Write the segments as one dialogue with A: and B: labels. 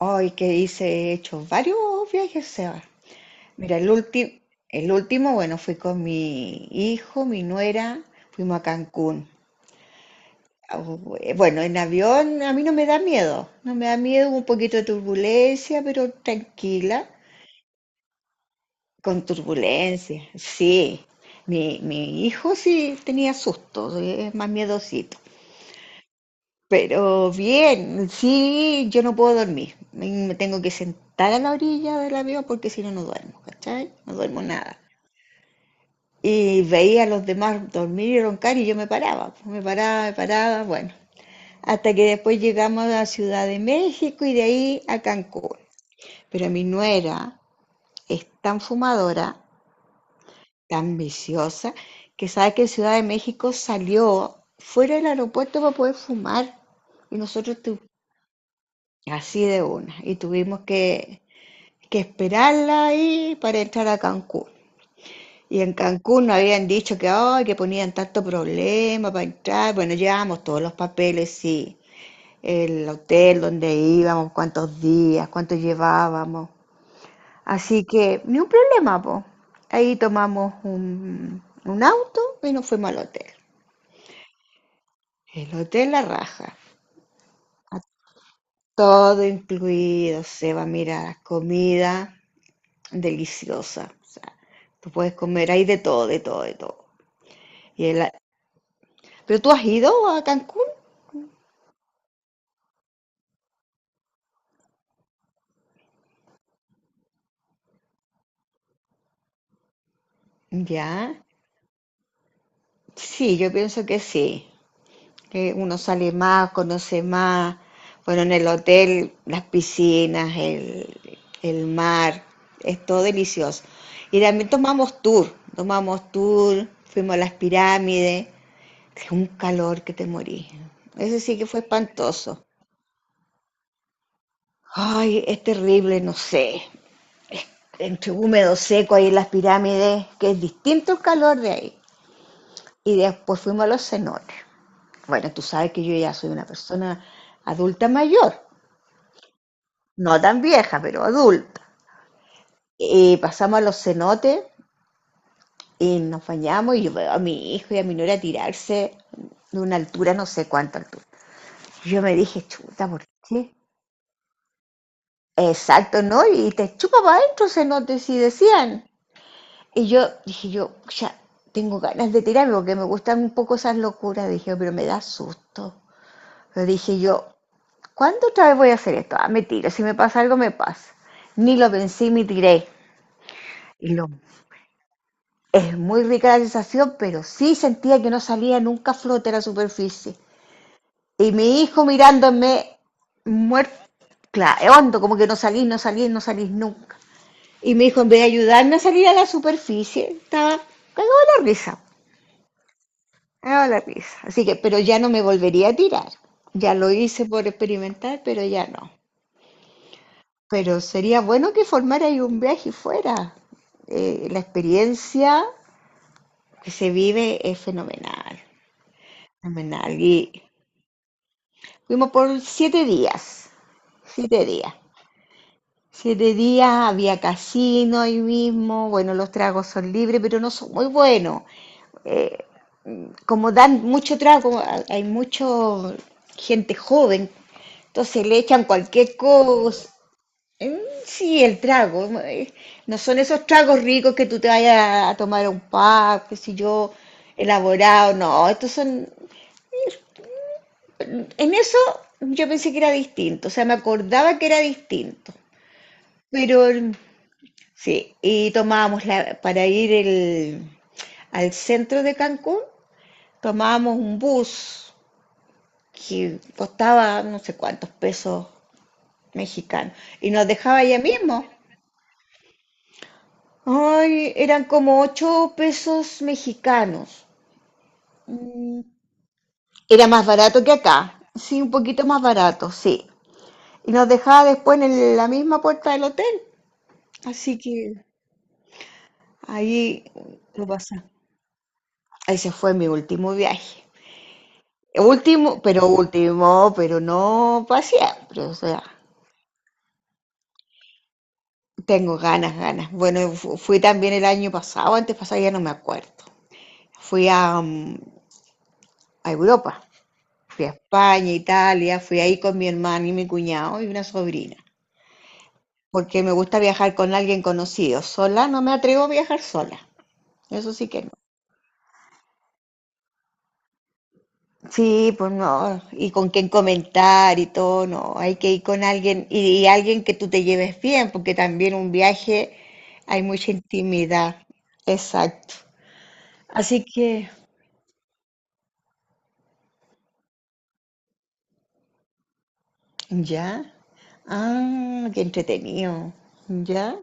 A: Hoy que hice, he hecho varios viajes, Seba. Mira, el último, bueno, fui con mi hijo, mi nuera, fuimos a Cancún. Bueno, en avión a mí no me da miedo, no me da miedo, hubo un poquito de turbulencia, pero tranquila, con turbulencia, sí. Mi hijo sí tenía susto, es más miedosito. Pero bien, sí, yo no puedo dormir. Me tengo que sentar a la orilla del avión porque si no, no duermo, ¿cachai? No duermo nada. Y veía a los demás dormir y roncar y yo me paraba, pues, me paraba, bueno. Hasta que después llegamos a Ciudad de México y de ahí a Cancún. Pero mi nuera es tan fumadora, tan viciosa, que sabe que en Ciudad de México salió fuera del aeropuerto para poder fumar. Y nosotros tu- Así de una. Y tuvimos que esperarla ahí para entrar a Cancún. Y en Cancún nos habían dicho que, ay, que ponían tanto problema para entrar. Bueno, llevábamos todos los papeles, sí. El hotel donde íbamos, cuántos días, cuánto llevábamos. Así que, ni un problema, po. Ahí tomamos un auto y nos fuimos al hotel. El hotel La Raja. A todo incluido, Seba, mira, comida deliciosa. O sea, tú puedes comer ahí de todo, de todo, de todo. Y el- ¿Pero tú has ido a Cancún? Ya. Sí, yo pienso que sí. Que uno sale más, conoce más. Bueno, en el hotel, las piscinas, el mar, es todo delicioso. Y también tomamos tour, fuimos a las pirámides, que un calor que te morís. Ese sí que fue espantoso. Ay, es terrible, no sé, entre húmedo, seco, ahí en las pirámides, que es distinto el calor de ahí. Y después fuimos a los cenotes. Bueno, tú sabes que yo ya soy una persona adulta mayor, no tan vieja, pero adulta. Y pasamos a los cenotes y nos bañamos y yo veo a mi hijo y a mi nuera tirarse de una altura, no sé cuánta altura. Yo me dije, chuta, ¿por qué? Exacto, ¿no? Y te chupa para adentro cenotes y decían. Y yo dije, yo ya tengo ganas de tirarme porque me gustan un poco esas locuras. Dije, pero me da susto. Pero dije yo, ¿cuándo otra vez voy a hacer esto? Ah, me tiro. Si me pasa algo, me pasa. Ni lo pensé y me tiré. Y lo, es muy rica la sensación, pero sí sentía que no salía nunca a flote a la superficie. Y mi hijo mirándome muerto, claro, hondo, como que no salís, no salís, no salís nunca. Y mi hijo, en vez de ayudarme a salir a la superficie, estaba cagado de la risa. Ah, la risa. Así que, pero ya no me volvería a tirar. Ya lo hice por experimentar, pero ya no. Pero sería bueno que formara ahí un viaje fuera. La experiencia que se vive es fenomenal. Fenomenal. Y fuimos por 7 días. 7 días. Siete días, había casino ahí mismo. Bueno, los tragos son libres, pero no son muy buenos. Eh, Como dan mucho trago, hay mucho gente joven. Entonces le echan cualquier cosa. Mm, Sí, el trago. No son esos tragos ricos que tú te vayas a tomar a un pub, qué sé yo, elaborado. No, estos son. En eso yo pensé que era distinto. O sea, me acordaba que era distinto. Pero sí, y tomábamos para ir al centro de Cancún, tomábamos un bus que costaba no sé cuántos pesos mexicanos y nos dejaba allá mismo. Ay, eran como 8 pesos mexicanos. Mm, Era más barato que acá. Sí, un poquito más barato, sí. Y nos dejaba después en la misma puerta del hotel. Así que ahí lo pasa. Ahí se fue mi último viaje. Último, pero no para siempre. O sea, tengo ganas, ganas. Bueno, fui también el año pasado, antes pasado ya no me acuerdo. Fui a Europa. Fui a España, Italia, fui ahí con mi hermano y mi cuñado y una sobrina, porque me gusta viajar con alguien conocido. Sola no me atrevo a viajar sola, eso sí que no. Sí, pues no, y con quien comentar y todo, no, hay que ir con alguien y alguien que tú te lleves bien, porque también un viaje hay mucha intimidad, exacto. Así que, ya, ah, qué entretenido, ya,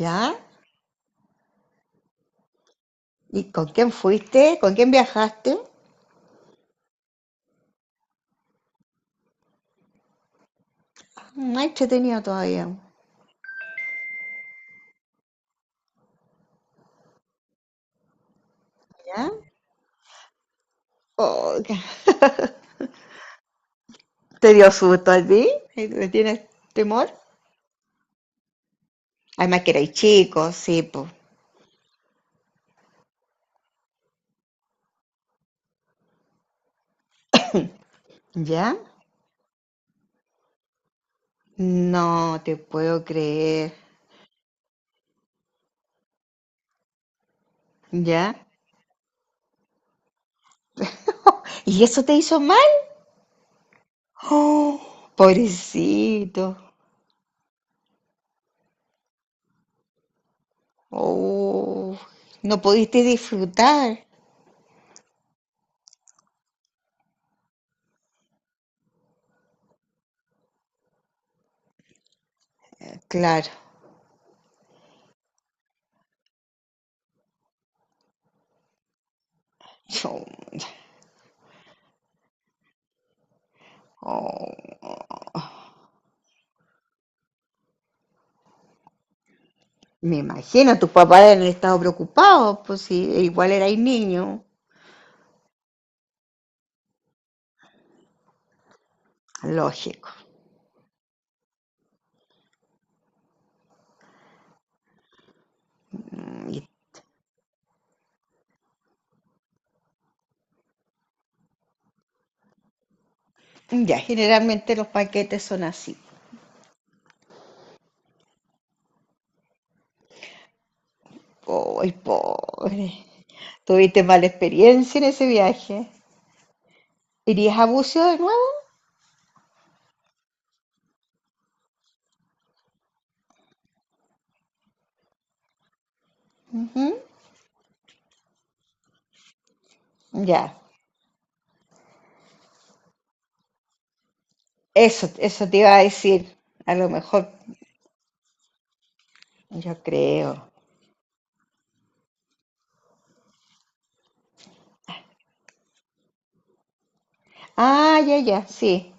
A: ya. ¿Y con quién fuiste? ¿Con quién viajaste? Más entretenido todavía. ¿Ya? Oh, ¿Te dio susto a ti? ¿Y tienes temor? Además que erais chicos, sí, pues. ¿Ya? No te puedo creer. ¿Ya? ¿Y eso te hizo mal? Oh, pobrecito. Oh, no pudiste disfrutar. Claro. Yo- oh, me imagino, tus papás han estado preocupados, pues sí, igual erais niño. Lógico. Y ya, generalmente los paquetes son así. ¡Ay, pobre! ¿Tuviste mala experiencia en ese viaje? ¿Irías a Bucio de nuevo? Ujú, ya, eso te iba a decir. A lo mejor, yo creo. Ah, ya, ya, sí.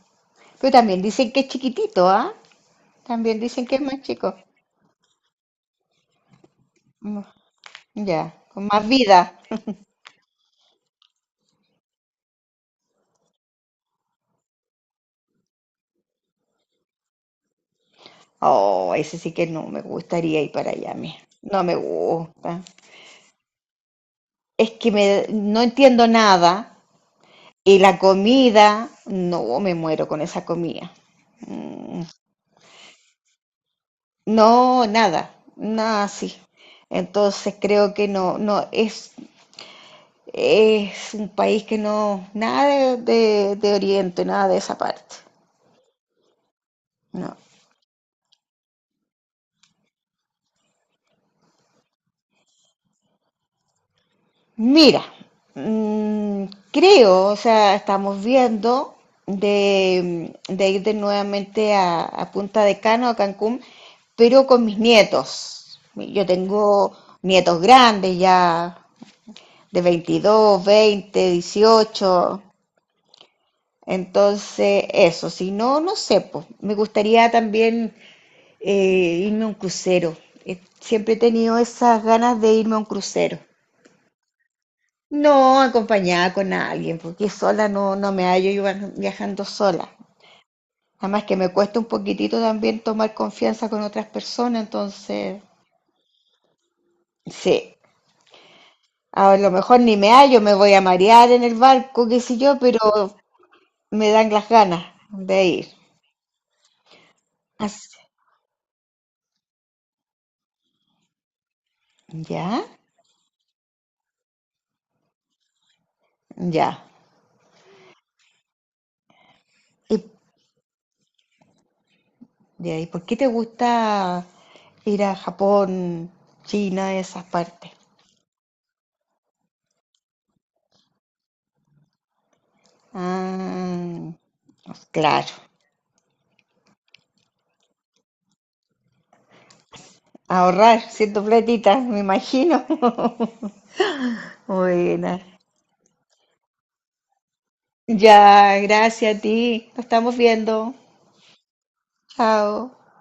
A: Pero también dicen que es chiquitito, ¿ah? También dicen que es más chico. Mm, Ya, con más vida. Oh, ese sí que no me gustaría ir para allá, mira. No me gusta. Es que no entiendo nada. Y la comida, no, me muero con esa comida. Mm, No, nada, nada así. Entonces creo que no, no, es un país que no, nada de Oriente, nada de esa parte. No. Mira, mm, creo, o sea, estamos viendo de ir de nuevamente a Punta de Cano, a Cancún, pero con mis nietos. Yo tengo nietos grandes ya, de 22, 20, 18. Entonces, eso, si no, no sé, pues, me gustaría también eh, irme a un crucero. Siempre he tenido esas ganas de irme a un crucero. No, acompañada con alguien, porque sola no, no me hallo yo viajando sola. Además que me cuesta un poquitito también tomar confianza con otras personas, entonces, sí, a lo mejor ni me hallo, me voy a marear en el barco, qué sé yo, pero me dan las ganas de ir. Así- ¿Ya? Ya. ¿Y, ya, y por qué te gusta ir a Japón, China, esas partes? Ah, claro. Ahorrar, siendo platita, me imagino. Buena. Ya, gracias a ti. Nos estamos viendo. Chao.